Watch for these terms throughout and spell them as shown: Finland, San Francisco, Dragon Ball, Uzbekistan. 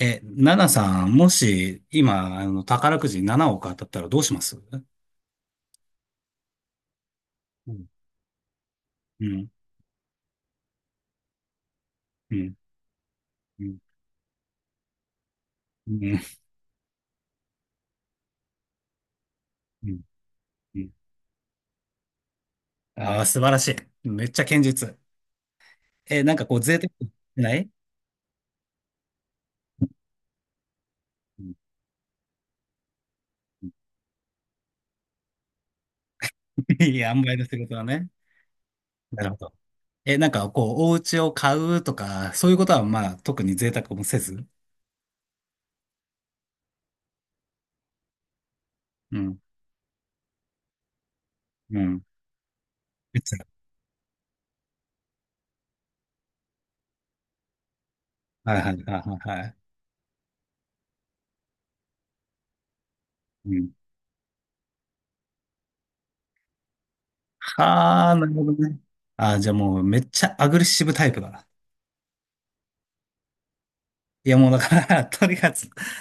え、ナナさん、もし、今、宝くじ7億当たったらどうします？うん。うん、うん、うん、うん、うん。うん、ああー、素晴らしい。めっちゃ堅実。え、なんかこう、贅沢してない。うん、いい塩梅の仕事だね。なるほど。え、なんかこう、お家を買うとか、そういうことは、まあ、特に贅沢もせず。うん、うん。めっちゃ、はいはいはいはい。はい、うん。はあ、なるほどね。ああ、じゃあもう、めっちゃアグレッシブタイプだ。いや、もうだから とにかく、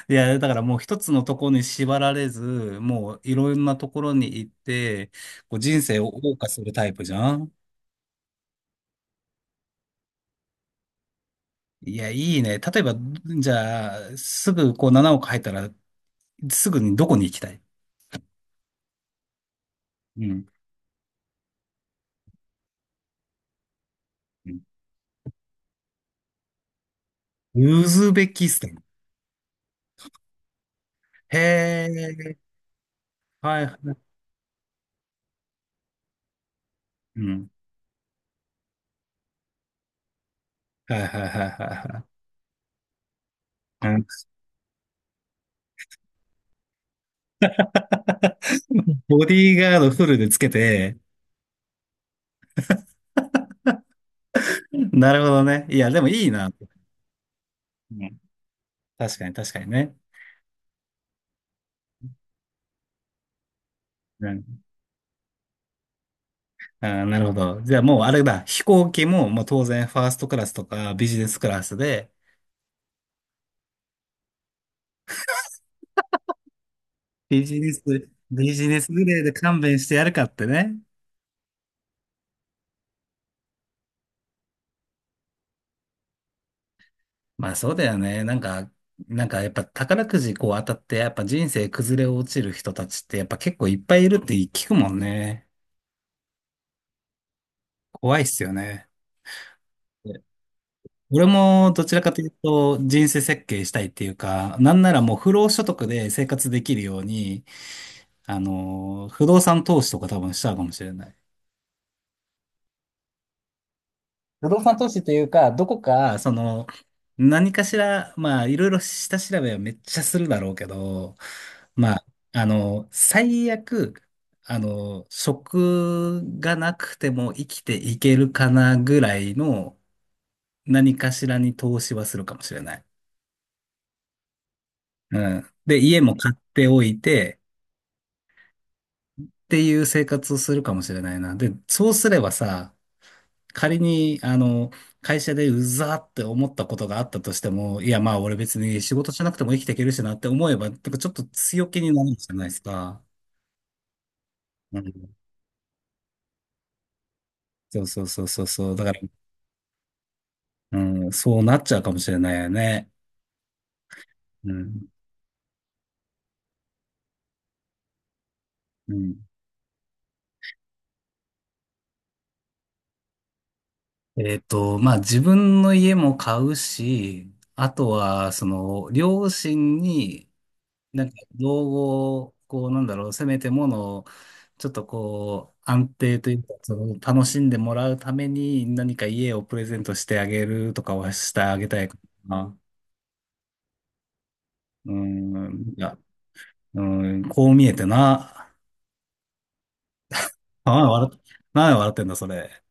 いや、だからもう一つのところに縛られず、もういろんなところに行って、こう人生を謳歌するタイプじゃん。いや、いいね。例えば、じゃあ、すぐこう7億入ったら、すぐにどこに行きたい？うん。うん、ウズベキスタン。へえ、はいはい。うん。はいはいはいはいはい。うん、ボディーガードフルでつけて、なるほどね。いや、でもいいな。うん、確かに確かにね。ああ、なるほど。じゃあもうあれだ、飛行機も、もう当然ファーストクラスとかビジネスクラスで、ビジネス、ビジネスグレーで勘弁してやるかってね。まあそうだよね。なんかやっぱ宝くじこう当たって、やっぱ人生崩れ落ちる人たちってやっぱ結構いっぱいいるって聞くもんね。怖いっすよね。で、俺もどちらかというと人生設計したいっていうか、なんならもう不労所得で生活できるように、不動産投資とか多分しちゃうかもしれない。不動産投資というか、どこか、その、何かしら、まあ、いろいろ下調べはめっちゃするだろうけど、まあ、最悪、職がなくても生きていけるかなぐらいの何かしらに投資はするかもしれない。うん。で、家も買っておいてっていう生活をするかもしれないな。で、そうすればさ、仮に、会社でうざーって思ったことがあったとしても、いや、まあ、俺別に仕事しなくても生きていけるしなって思えば、なんかちょっと強気になるんじゃないですか。うん。そうそうそうそうそう。だから、うん、そうなっちゃうかもしれないよね。うん。うん。まあ、自分の家も買うし、あとは、その、両親に、なんか、造語を、こう、なんだろう、せめてものを、ちょっとこう、安定というか、その、楽しんでもらうために、何か家をプレゼントしてあげるとかはしてあげたいかな。うん、いや、うん、こう見えてな。あ、なんで笑ってんだ、それ。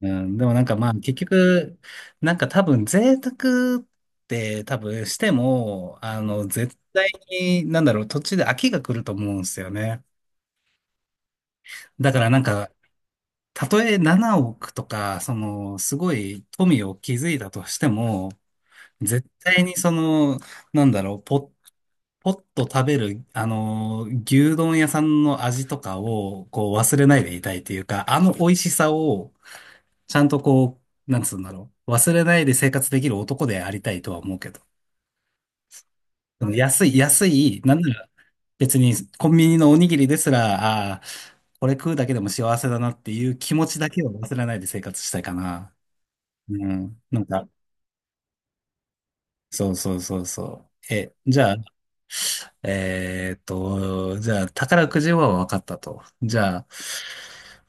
うん、でもなんかまあ、結局、なんか多分、贅沢って多分しても、絶対に、なんだろう、途中で飽きが来ると思うんですよね。だからなんか、たとえ7億とか、その、すごい富を築いたとしても、絶対にその、なんだろう、ポッと食べる、牛丼屋さんの味とかを、こう、忘れないでいたいというか、あの美味しさを、ちゃんとこう、なんつうんだろう、忘れないで生活できる男でありたいとは思うけど。その安い、安い、なんなら、別にコンビニのおにぎりですら、ああ、これ食うだけでも幸せだなっていう気持ちだけを忘れないで生活したいかな。うん。なんか、そうそうそうそう。え、じゃあ、じゃあ、宝くじは分かったと。じゃあ、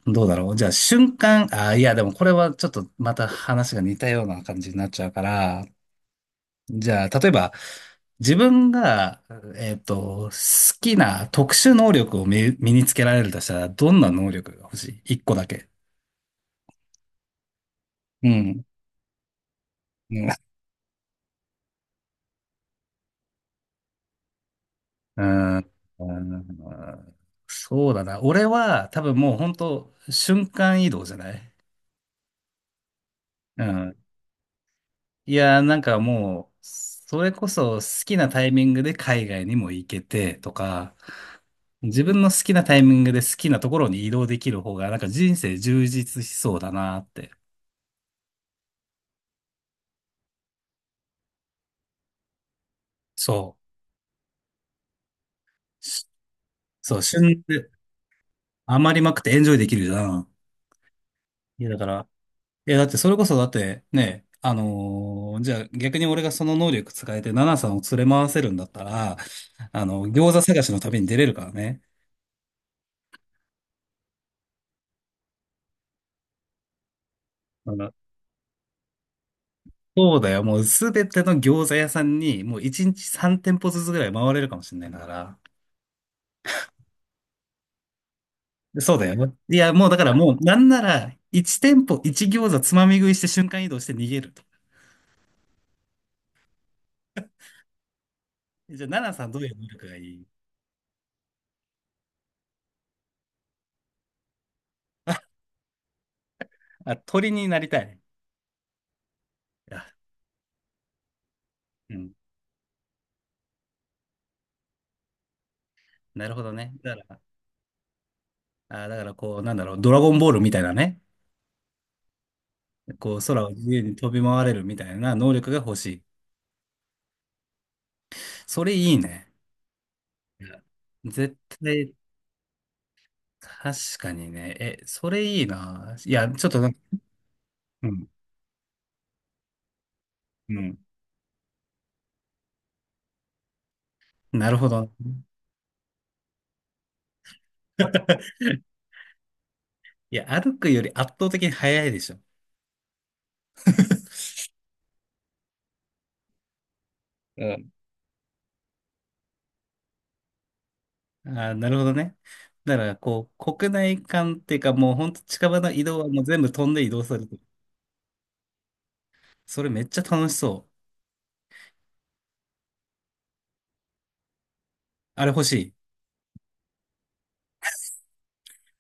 どうだろう。じゃあ、瞬間、あ、いや、でもこれはちょっとまた話が似たような感じになっちゃうから、じゃあ、例えば、自分が、好きな特殊能力を身につけられるとしたら、どんな能力が欲しい？ 1 個だけ。うん。うーん、うん、そうだな。俺は多分もう本当瞬間移動じゃない？うん。いやー、なんかもう、それこそ好きなタイミングで海外にも行けてとか、自分の好きなタイミングで好きなところに移動できる方が、なんか人生充実しそうだなって。そう。そう、旬で余りまくってエンジョイできるじゃん。いや、だから、いや、だってそれこそだってね、じゃあ逆に俺がその能力使えて奈々さんを連れ回せるんだったら、餃子探しの旅に出れるからね。あのそうだよ。もうすべての餃子屋さんに、もう1日3店舗ずつぐらい回れるかもしれないんだから。そうだよ。いや、もうだからもう、なんなら、1店舗1餃子つまみ食いして瞬間移動して逃げると。じゃあ、奈々さんどういう能力がいい？あ、鳥になりたい。あ、うん。なるほどね。だから、こう、なんだろう、ドラゴンボールみたいなね。こう、空を自由に飛び回れるみたいな能力が欲しい。それいいね。いや、絶対、確かにね。え、それいいな。いや、ちょっとなんか、うん、うん。なるほど。いや、歩くより圧倒的に速いでしょ。うん。あー、なるほどね。だから、こう、国内間っていうか、もうほんと近場の移動はもう全部飛んで移動すると。それめっちゃ楽しそう。あれ欲しい。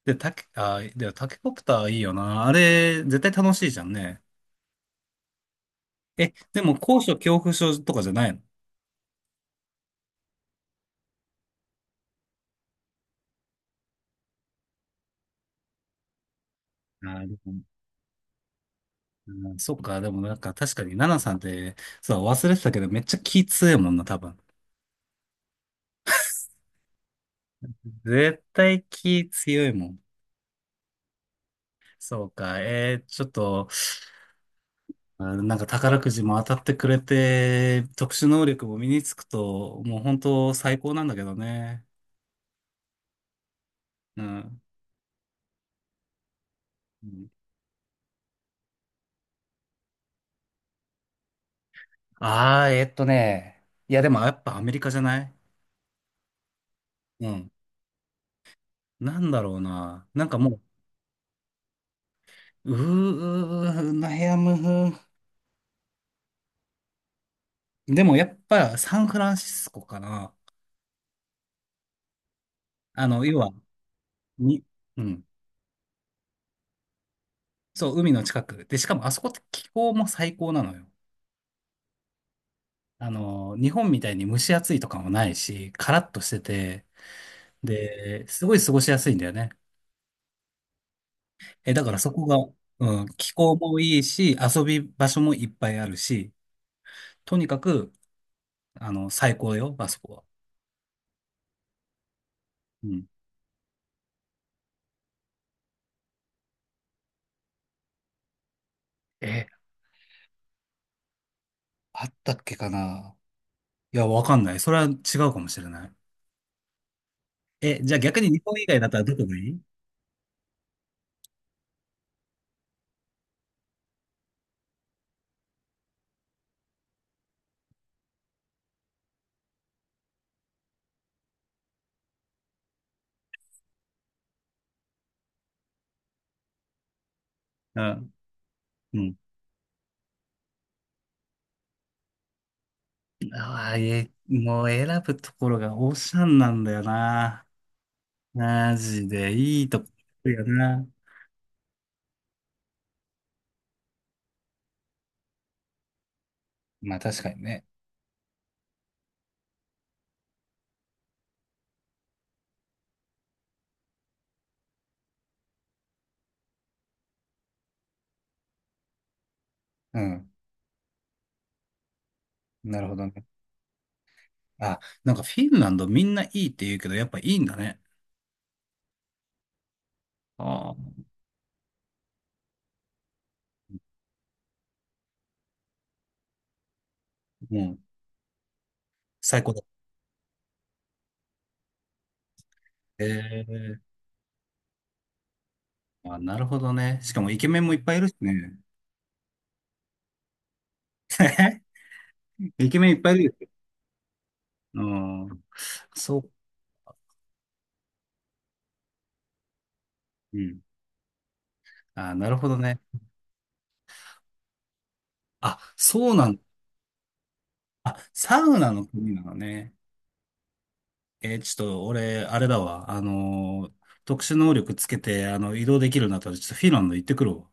で、タケ、あー、でもタケコプターいいよな。あれ、絶対楽しいじゃんね。え、でも高所恐怖症とかじゃないの？でも、うん、そっか、でもなんか確かに、ナナさんって、そう、忘れてたけど、めっちゃ気強いもんな、多分。絶対気強いもん。そうか、ちょっと、あ、なんか宝くじも当たってくれて、特殊能力も身につくと、もう本当最高なんだけどね。うん。ああー。いや、でもやっぱアメリカじゃない？うん。なんだろうな。なんかもう、うー、うーうーなやむ。でもやっぱサンフランシスコかな。要は、に、うん。そう、海の近く。で、しかもあそこって気候も最高なのよ。日本みたいに蒸し暑いとかもないし、カラッとしてて、で、すごい過ごしやすいんだよね。え、だからそこが、うん、気候もいいし、遊び場所もいっぱいあるし、とにかく、最高よ、あそこは。うん。え、あったっけかな？いや、わかんない。それは違うかもしれない。え、じゃあ逆に日本以外だったらどこがいい？うんうん。ああ、え、もう選ぶところがオーシャンなんだよな。マジでいいとこ行くよな。まあ確かにね。うん。なるほどね。あ、なんかフィンランドみんないいって言うけど、やっぱいいんだね。ああ。うん。最高だ。ええ、あ、なるほどね。しかもイケメンもいっぱいいるしね。イケメンいっぱいいるよ。うん。そう。うん。あ、なるほどね。あ、そうなんだ。あ、サウナの国なのね。ちょっと俺、あれだわ。特殊能力つけて、移動できるようになったら、ちょっとフィンランド行ってくるわ。